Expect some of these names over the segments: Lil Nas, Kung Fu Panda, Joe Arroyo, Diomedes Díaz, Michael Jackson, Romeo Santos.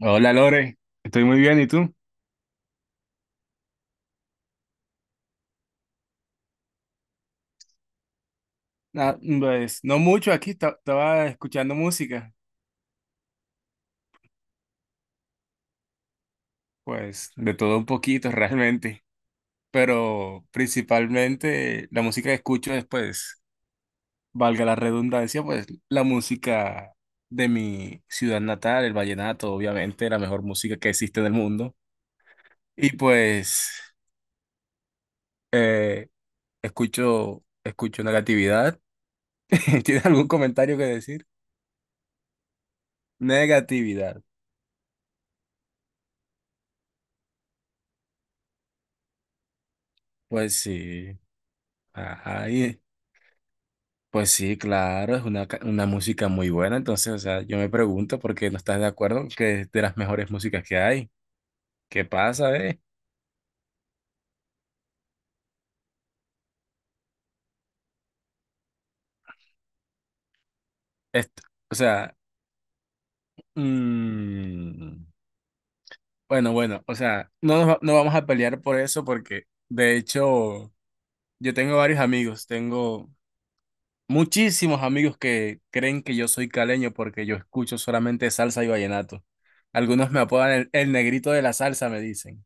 Hola Lore, estoy muy bien, ¿y tú? Ah, pues no mucho, aquí estaba escuchando música, pues de todo un poquito realmente, pero principalmente la música que escucho es, pues, valga la redundancia, pues la música de mi ciudad natal, el vallenato, obviamente, la mejor música que existe en el mundo. Y pues eh, escucho negatividad. ¿Tienes algún comentario que decir? Negatividad. Pues sí. Ajá, y- pues sí, claro, es una, una música muy buena, entonces, o sea, yo me pregunto por qué no estás de acuerdo que es de las mejores músicas que hay. ¿Qué pasa, eh? Est- o sea, mm, bueno, o sea, no, no vamos a pelear por eso porque, de hecho, yo tengo varios amigos, tengo muchísimos amigos que creen que yo soy caleño porque yo escucho solamente salsa y vallenato. Algunos me apodan el negrito de la salsa, me dicen.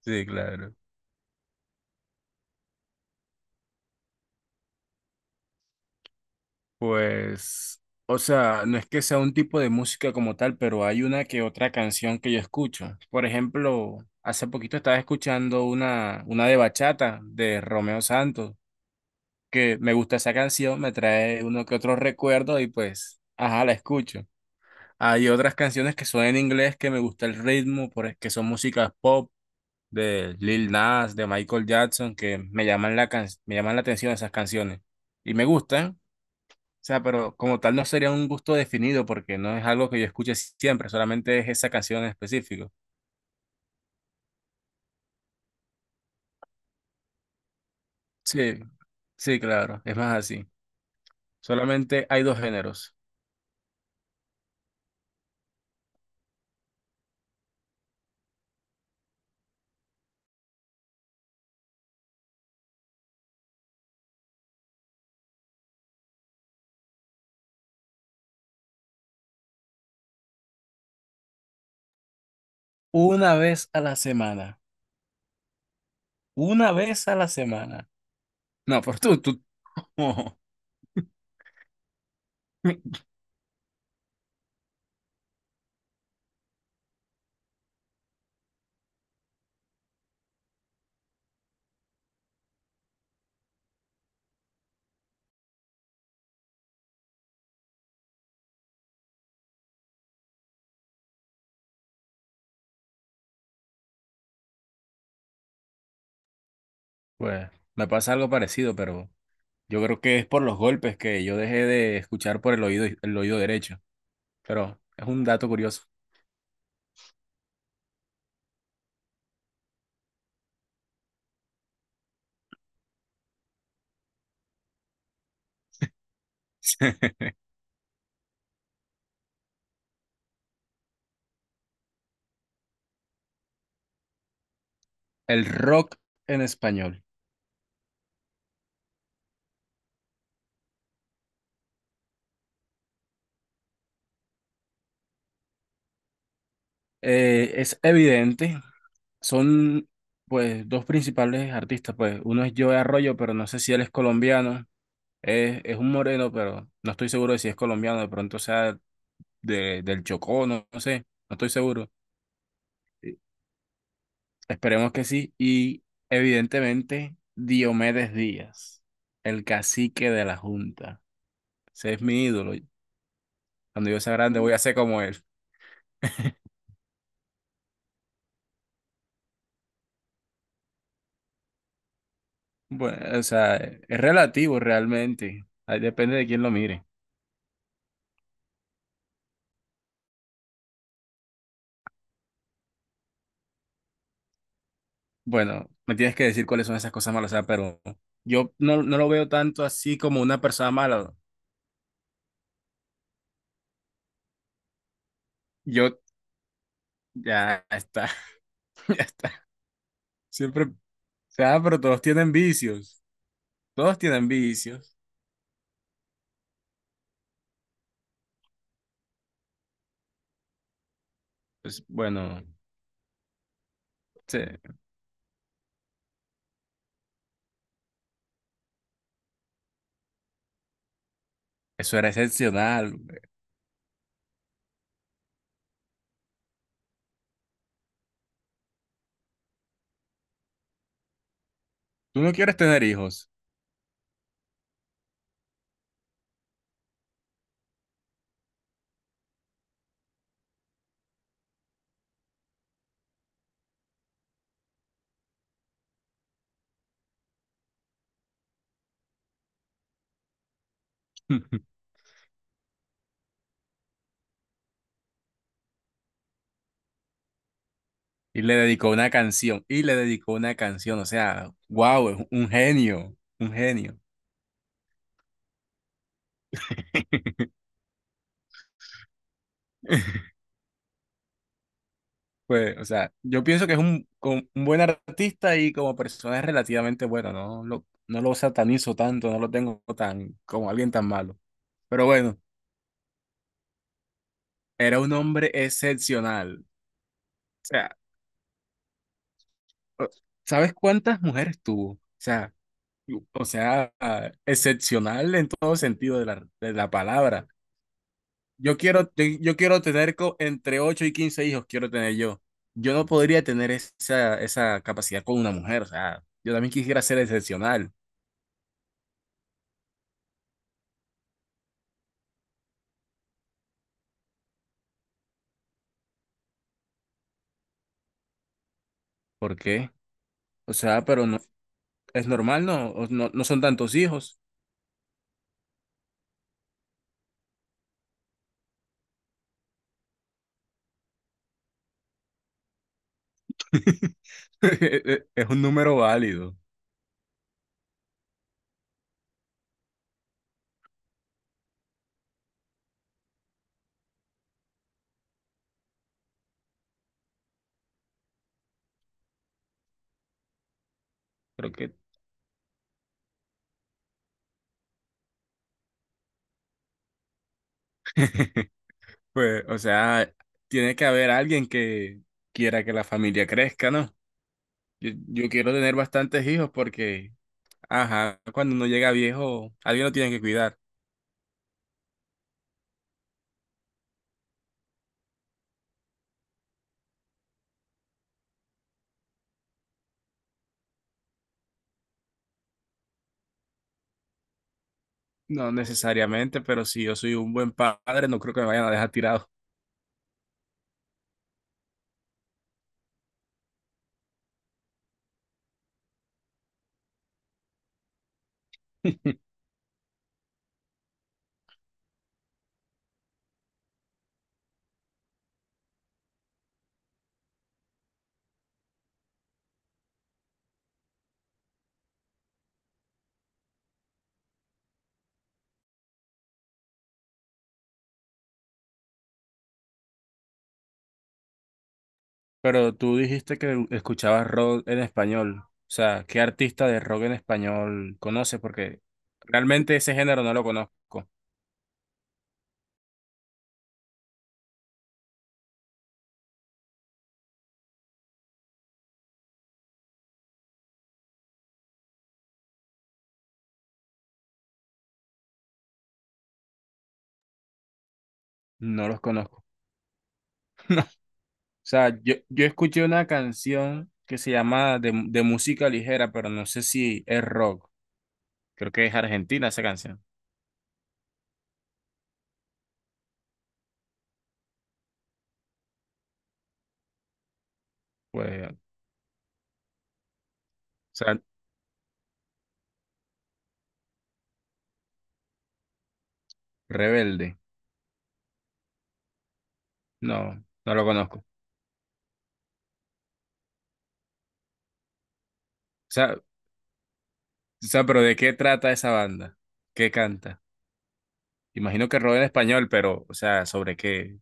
Sí, claro. Pues, o sea, no es que sea un tipo de música como tal, pero hay una que otra canción que yo escucho. Por ejemplo, hace poquito estaba escuchando una de bachata de Romeo Santos, que me gusta esa canción, me trae uno que otro recuerdo y pues, ajá, la escucho. Hay otras canciones que son en inglés que me gusta el ritmo, que son músicas pop de Lil Nas, de Michael Jackson, que me llaman la atención esas canciones y me gustan. O sea, pero como tal no sería un gusto definido porque no es algo que yo escuche siempre, solamente es esa canción en específico. Sí, sí, claro, es más así. Solamente hay dos géneros. Una vez a la semana. Una vez a la semana. No, pues tú. Pues me pasa algo parecido, pero yo creo que es por los golpes que yo dejé de escuchar por el oído derecho. Pero es un dato curioso. El rock en español. Es evidente. Son pues dos principales artistas, pues uno es Joe Arroyo, pero no sé si él es colombiano, es un moreno, pero no estoy seguro de si es colombiano, de pronto sea del Chocó, no, no sé, no estoy seguro. Eh, Esperemos que sí. Y evidentemente Diomedes Díaz, el cacique de la Junta. Ese es mi ídolo. Cuando yo sea grande voy a ser como él. Bueno, o sea, es relativo realmente. Ahí depende de quién lo mire. Bueno, me tienes que decir cuáles son esas cosas malas, o sea, pero yo no, no lo veo tanto así como una persona mala. Yo, ya está, ya está. Siempre, o sea, pero todos tienen vicios, todos tienen vicios. Pues bueno, sí, eso era excepcional. Tú no quieres tener hijos. Y le dedicó una canción, y le dedicó una canción, o sea, wow, es un genio, un genio. Pues, o sea, yo pienso que es un, un buen artista y como persona es relativamente bueno, no lo satanizo tanto, no lo tengo tan como alguien tan malo. Pero bueno, era un hombre excepcional. O sea, o- ¿sabes cuántas mujeres tuvo? O sea, o sea, ah, excepcional en todo sentido de la palabra. Yo quiero entre 8 y 15 hijos, quiero tener yo. Yo no podría tener esa, esa capacidad con una mujer, o sea, yo también quisiera ser excepcional. ¿Por qué? O sea, pero no, es normal, ¿no? O No, no son tantos hijos. Es un número válido. Creo que, pues, o sea, tiene que haber alguien que quiera que la familia crezca, ¿no? Yo quiero tener bastantes hijos porque, ajá, cuando uno llega viejo, alguien lo tiene que cuidar. No necesariamente, pero si yo soy un buen padre, no creo que me vayan a dejar tirado. Pero tú dijiste que escuchabas rock en español. O sea, ¿qué artista de rock en español conoces? Porque realmente ese género no lo conozco. No los conozco. O sea, yo escuché una canción que se llama de música ligera, pero no sé si es rock. Creo que es argentina esa canción. Pues, o sea, Rebelde. No, no lo conozco. O sea, pero ¿de qué trata esa banda? ¿Qué canta? Imagino que rock en español, pero, o sea, ¿sobre qué?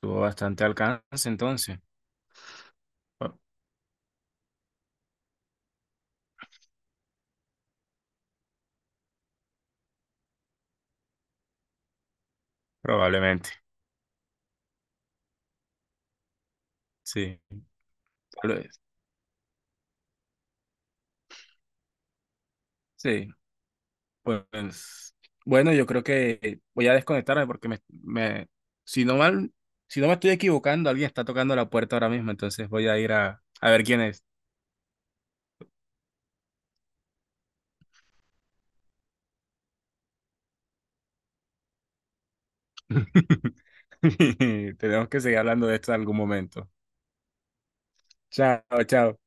Tuvo bastante alcance entonces. Bueno, probablemente, sí, tal vez, sí, pues bueno, yo creo que voy a desconectarme porque si no mal, si no me estoy equivocando, alguien está tocando la puerta ahora mismo, entonces voy a ir a ver quién es. Tenemos que seguir hablando de esto en algún momento. Chao, chao.